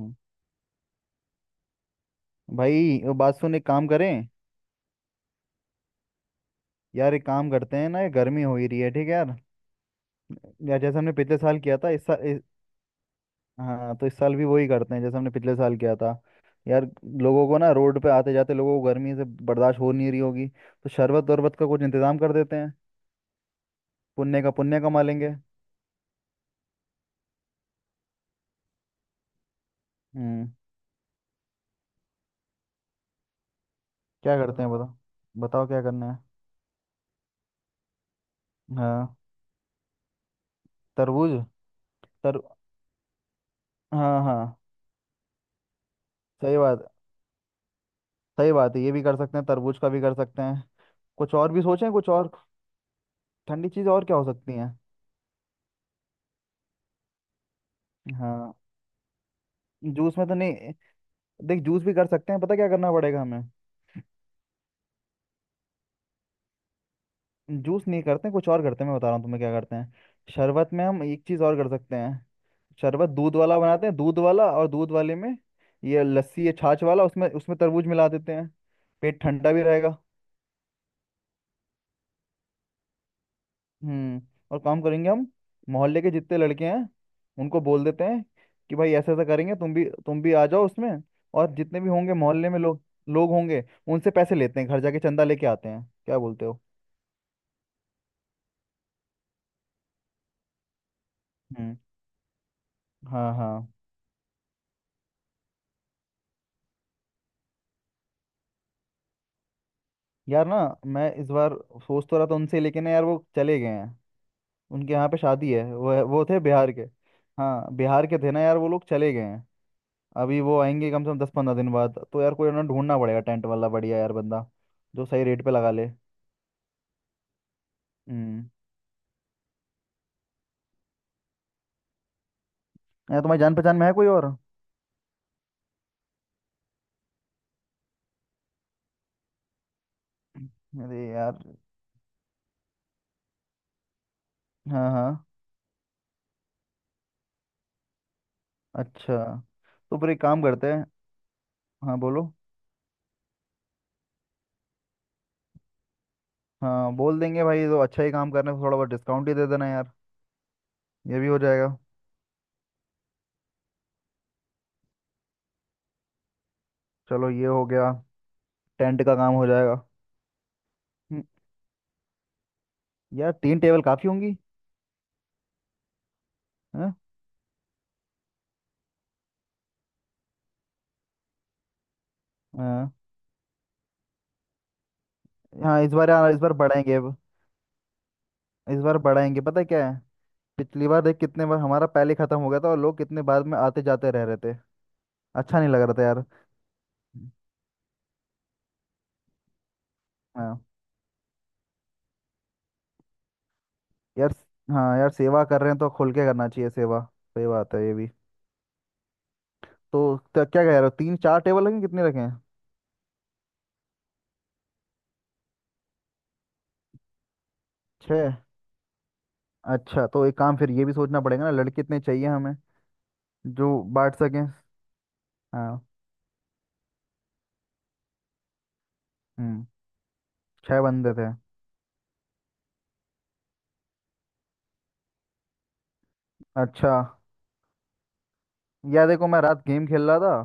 हम्म। भाई वो बात सुन, एक काम करें। यार एक काम करते हैं ना, ये गर्मी हो ही रही है, ठीक है यार। यार जैसे हमने पिछले साल किया था इस साल हाँ, तो इस साल भी वही करते हैं जैसे हमने पिछले साल किया था यार। लोगों को ना, रोड पे आते जाते लोगों को गर्मी से बर्दाश्त हो नहीं रही होगी, तो शरबत वरबत का कुछ इंतजाम कर देते हैं। पुण्य का पुण्य कमा लेंगे। हम्म। क्या करते हैं बताओ। बताओ क्या करना है। हाँ। तरबूज। तर हाँ हाँ। सही बात। सही बात है, ये भी कर सकते हैं, तरबूज का भी कर सकते हैं। कुछ और भी सोचें, कुछ और। ठंडी चीज और क्या हो सकती है। हाँ। जूस में तो नहीं। देख, जूस भी कर सकते हैं, पता क्या करना पड़ेगा हमें। जूस नहीं करते, कुछ और करते हैं, मैं बता रहा हूँ तुम्हें क्या करते हैं। शरबत में हम एक चीज और कर सकते हैं। शरबत दूध वाला बनाते हैं, दूध वाला, और दूध वाले में ये लस्सी, ये छाछ वाला, उसमें उसमें तरबूज मिला देते हैं। पेट ठंडा भी रहेगा। हम्म। और काम करेंगे हम। मोहल्ले के जितने लड़के हैं उनको बोल देते हैं कि भाई ऐसा ऐसा करेंगे, तुम भी आ जाओ उसमें। और जितने भी होंगे मोहल्ले में लोग, लोग होंगे, उनसे पैसे लेते हैं, घर जाके चंदा लेके आते हैं, क्या बोलते हो। हम्म। हाँ हाँ। यार ना, मैं इस बार सोच तो रहा था उनसे, लेकिन ना यार वो चले गए हैं। उनके यहाँ पे शादी है, वो थे बिहार के। हाँ, बिहार के थे ना यार, वो लोग चले गए हैं। अभी वो आएंगे कम से कम 10 15 दिन बाद, तो यार कोई ना, ढूंढना पड़ेगा टेंट वाला बढ़िया यार बंदा, जो सही रेट पे लगा ले। हम्म। यार तुम्हारी जान पहचान में है कोई और? अरे यार। हाँ हाँ। अच्छा, तो फिर एक काम करते हैं। हाँ बोलो। हाँ बोल देंगे भाई, तो अच्छा ही, काम करने को थोड़ा बहुत डिस्काउंट ही दे देना यार। ये भी हो जाएगा। चलो ये हो गया। टेंट का काम हो जाएगा। हम्म, यार 3 टेबल काफ़ी होंगी। हाँ हाँ। हाँ, इस बार यार, इस बार बढ़ाएंगे अब। इस बार बढ़ाएंगे, पता है क्या है। पिछली बार देख कितने बार हमारा पहले ख़त्म हो गया था, और लोग कितने बाद में आते जाते रह रहे थे। अच्छा नहीं लग रहा था यार। हाँ यार। हाँ यार, सेवा कर रहे हैं तो खुल के करना चाहिए सेवा। सही बात है ये भी। तो क्या क्या कह रहे हो, 3 4 टेबल रखें, कितने रखें। छः। अच्छा, तो एक काम, फिर ये भी सोचना पड़ेगा ना, लड़के इतने चाहिए हमें, जो बांट सकें। हाँ। हम्म। छः बंदे थे। अच्छा। यार देखो, मैं रात गेम खेल रहा था,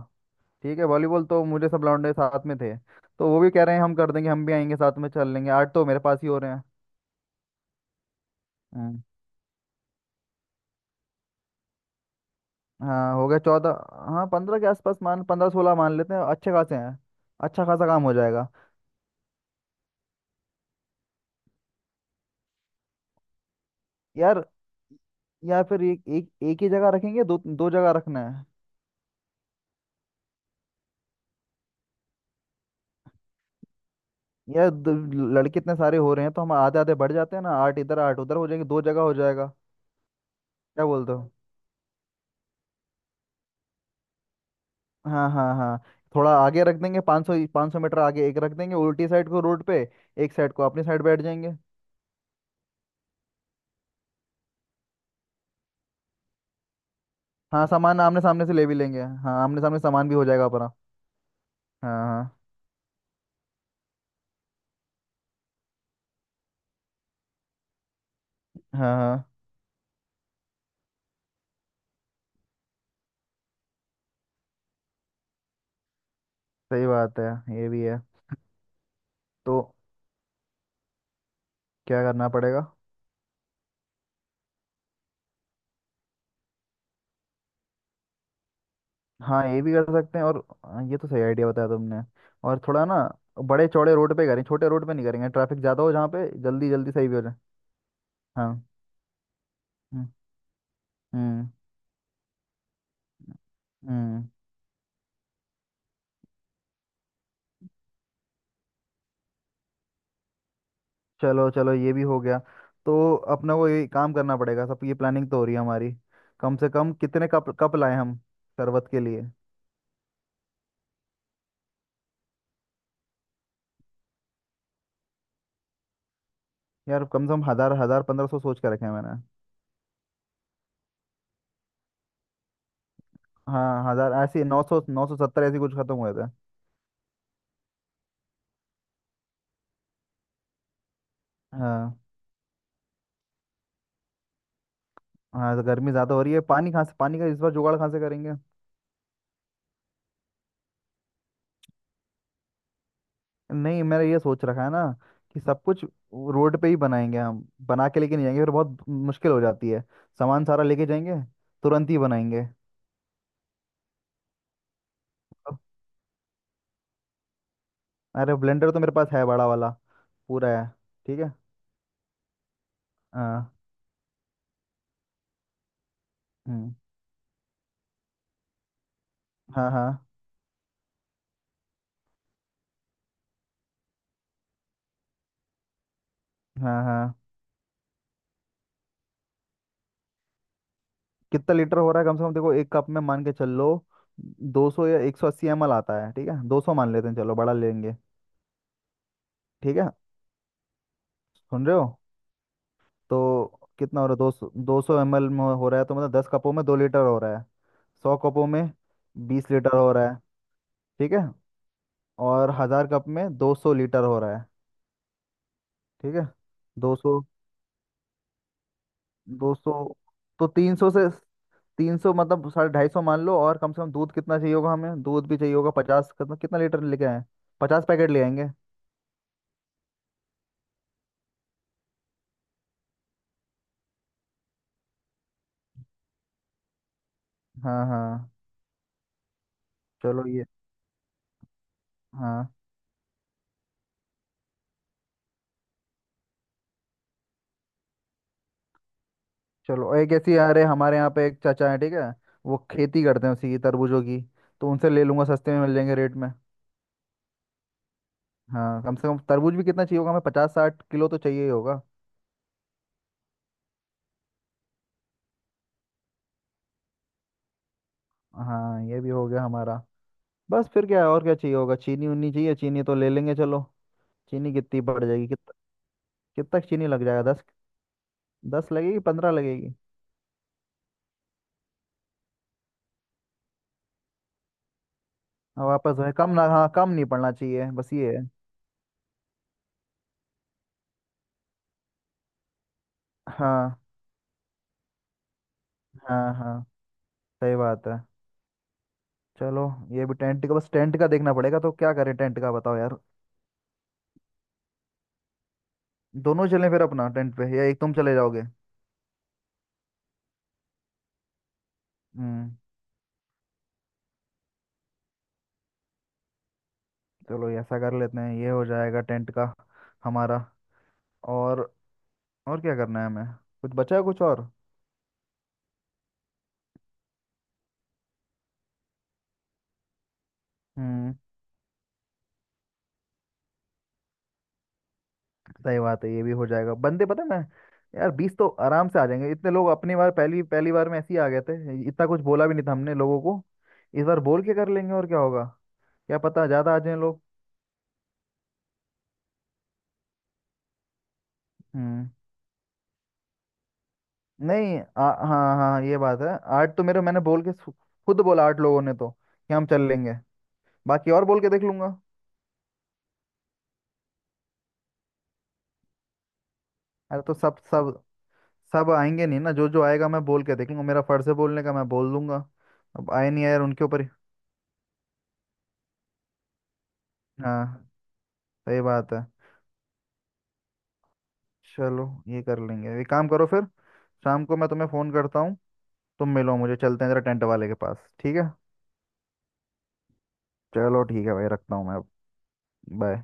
ठीक है वॉलीबॉल, तो मुझे सब लौंडे साथ में थे, तो वो भी कह रहे हैं हम कर देंगे, हम भी आएंगे साथ में चल लेंगे, 8 तो मेरे पास ही हो रहे हैं। हम्म, हाँ, हो गया चौदह। हाँ, पंद्रह के आसपास मान, 15 16 मान लेते हैं, अच्छे खासे हैं। अच्छा खासा काम हो जाएगा। यार, या फिर एक एक एक ही जगह रखेंगे, दो दो जगह रखना है। यार लड़के इतने सारे हो रहे हैं, तो हम आधे आधे बढ़ जाते हैं ना, आठ इधर आठ उधर हो जाएंगे, दो जगह हो जाएगा। क्या बोलते हो। हाँ हाँ हाँ। थोड़ा आगे रख देंगे, 500 500 मीटर आगे एक रख देंगे उल्टी साइड को रोड पे। एक साइड को अपनी साइड बैठ जाएंगे। हाँ, सामान आमने सामने से ले भी लेंगे, हाँ आमने सामने सामान भी हो जाएगा अपना। हाँ हाँ। हाँ हाँ। सही बात है ये भी है। तो क्या करना पड़ेगा? हाँ ये भी कर सकते हैं, और हाँ, ये तो सही आइडिया बताया तुमने। और थोड़ा ना, बड़े चौड़े रोड पे करें, छोटे रोड पे नहीं करेंगे, ट्रैफिक ज़्यादा हो जहाँ पे, जल्दी जल्दी सही भी हो जाए। हाँ। हम्म। हम्म। हम्म। चलो चलो, ये भी हो गया। तो अपना को ये काम करना पड़ेगा, सब ये प्लानिंग तो हो रही है हमारी। कम से कम कितने कप कप लाए हम, शरबत के लिए। यार कम से कम हज़ार, 1000 1500 सोच के रखे हैं मैंने। हाँ हज़ार, ऐसे नौ सौ, 970 ऐसे कुछ खत्म हुए थे। हाँ। हाँ तो गर्मी ज़्यादा हो रही है, पानी, कहाँ से पानी का इस बार जुगाड़ कहाँ से करेंगे। नहीं, मेरा ये सोच रखा है ना कि सब कुछ वो रोड पे ही बनाएंगे, हम बना के लेके नहीं जाएंगे, फिर बहुत मुश्किल हो जाती है। सामान सारा लेके जाएंगे, तुरंत ही बनाएंगे। अब- अरे ब्लेंडर तो मेरे पास है, बड़ा वाला, पूरा है। ठीक है। हाँ। हम्म, हाँ हाँ। हाँ हाँ। कितना लीटर हो रहा है कम से कम, देखो, एक कप में मान के चल लो। 200 या 180 ml आता है, ठीक है, 200 मान लेते हैं, चलो बड़ा लेंगे। ठीक है। सुन रहे हो? तो कितना हो रहा है, 200 200 ml में हो रहा है, तो मतलब 10 कपों में 2 लीटर हो रहा है। 100 कपों में 20 लीटर हो रहा है। ठीक है। और 1000 कप में 200 लीटर हो रहा है। ठीक है। दो सौ। दो सौ। तो 300 से, 300 मतलब 250 मान लो। और कम से कम दूध कितना चाहिए होगा हमें, दूध भी चाहिए होगा 50, कितना कितना लीटर लेके आए। 50 पैकेट ले आएंगे। हाँ हाँ। चलो ये। हाँ। चलो एक ऐसी, अरे हमारे यहाँ पे एक चाचा है, ठीक है, वो खेती करते हैं उसी की, तरबूजों की, तो उनसे ले लूंगा, सस्ते में मिल जाएंगे रेट में। हाँ, कम से कम तरबूज भी कितना चाहिए होगा हमें, 50 60 किलो तो चाहिए ही होगा। हाँ ये भी हो गया हमारा। बस फिर क्या है, और क्या चाहिए होगा, चीनी उनी चाहिए, चीनी तो ले लेंगे चलो। चीनी कितनी पड़ जाएगी, कितना, कितना चीनी लग जाएगा, दस, दस लगेगी, पंद्रह लगेगी। और वापस वही, कम ना, हाँ कम नहीं पड़ना चाहिए बस ये है। हाँ हाँ हाँ। सही बात है। चलो, ये भी टेंट का, बस टेंट का देखना पड़ेगा, तो क्या करें, टेंट का बताओ यार। दोनों चलें फिर अपना टेंट पे, या एक तुम चले जाओगे। हम्म। चलो ये ऐसा कर लेते हैं, ये हो जाएगा टेंट का हमारा। और और क्या करना है हमें, कुछ बचा है कुछ और। हम्म। सही बात है, ये भी हो जाएगा, बंदे पता है ना। यार 20 तो आराम से आ जाएंगे, इतने लोग अपनी बार, पहली पहली बार में ऐसे ही आ गए थे, इतना कुछ बोला भी नहीं था हमने लोगों को। इस बार बोल के कर लेंगे, और क्या होगा, क्या पता ज्यादा आ जाए लोग। हम्म। नहीं हाँ हाँ, ये बात है। आठ तो मेरे, मैंने बोल के खुद बोला, 8 लोगों ने तो कि हम चल लेंगे, बाकी और बोल के देख लूंगा। अरे तो सब सब, सब आएंगे नहीं ना, जो जो आएगा मैं बोल के देख लूंगा, मेरा फर्ज है बोलने का, मैं बोल दूंगा। अब आए नहीं आए, यार उनके ऊपर हाँ सही बात है। चलो ये कर लेंगे, एक काम करो फिर, शाम को मैं तुम्हें फ़ोन करता हूँ, तुम मिलो मुझे, चलते हैं जरा टेंट वाले के पास, ठीक है। चलो ठीक है भाई, रखता हूँ मैं। बाय।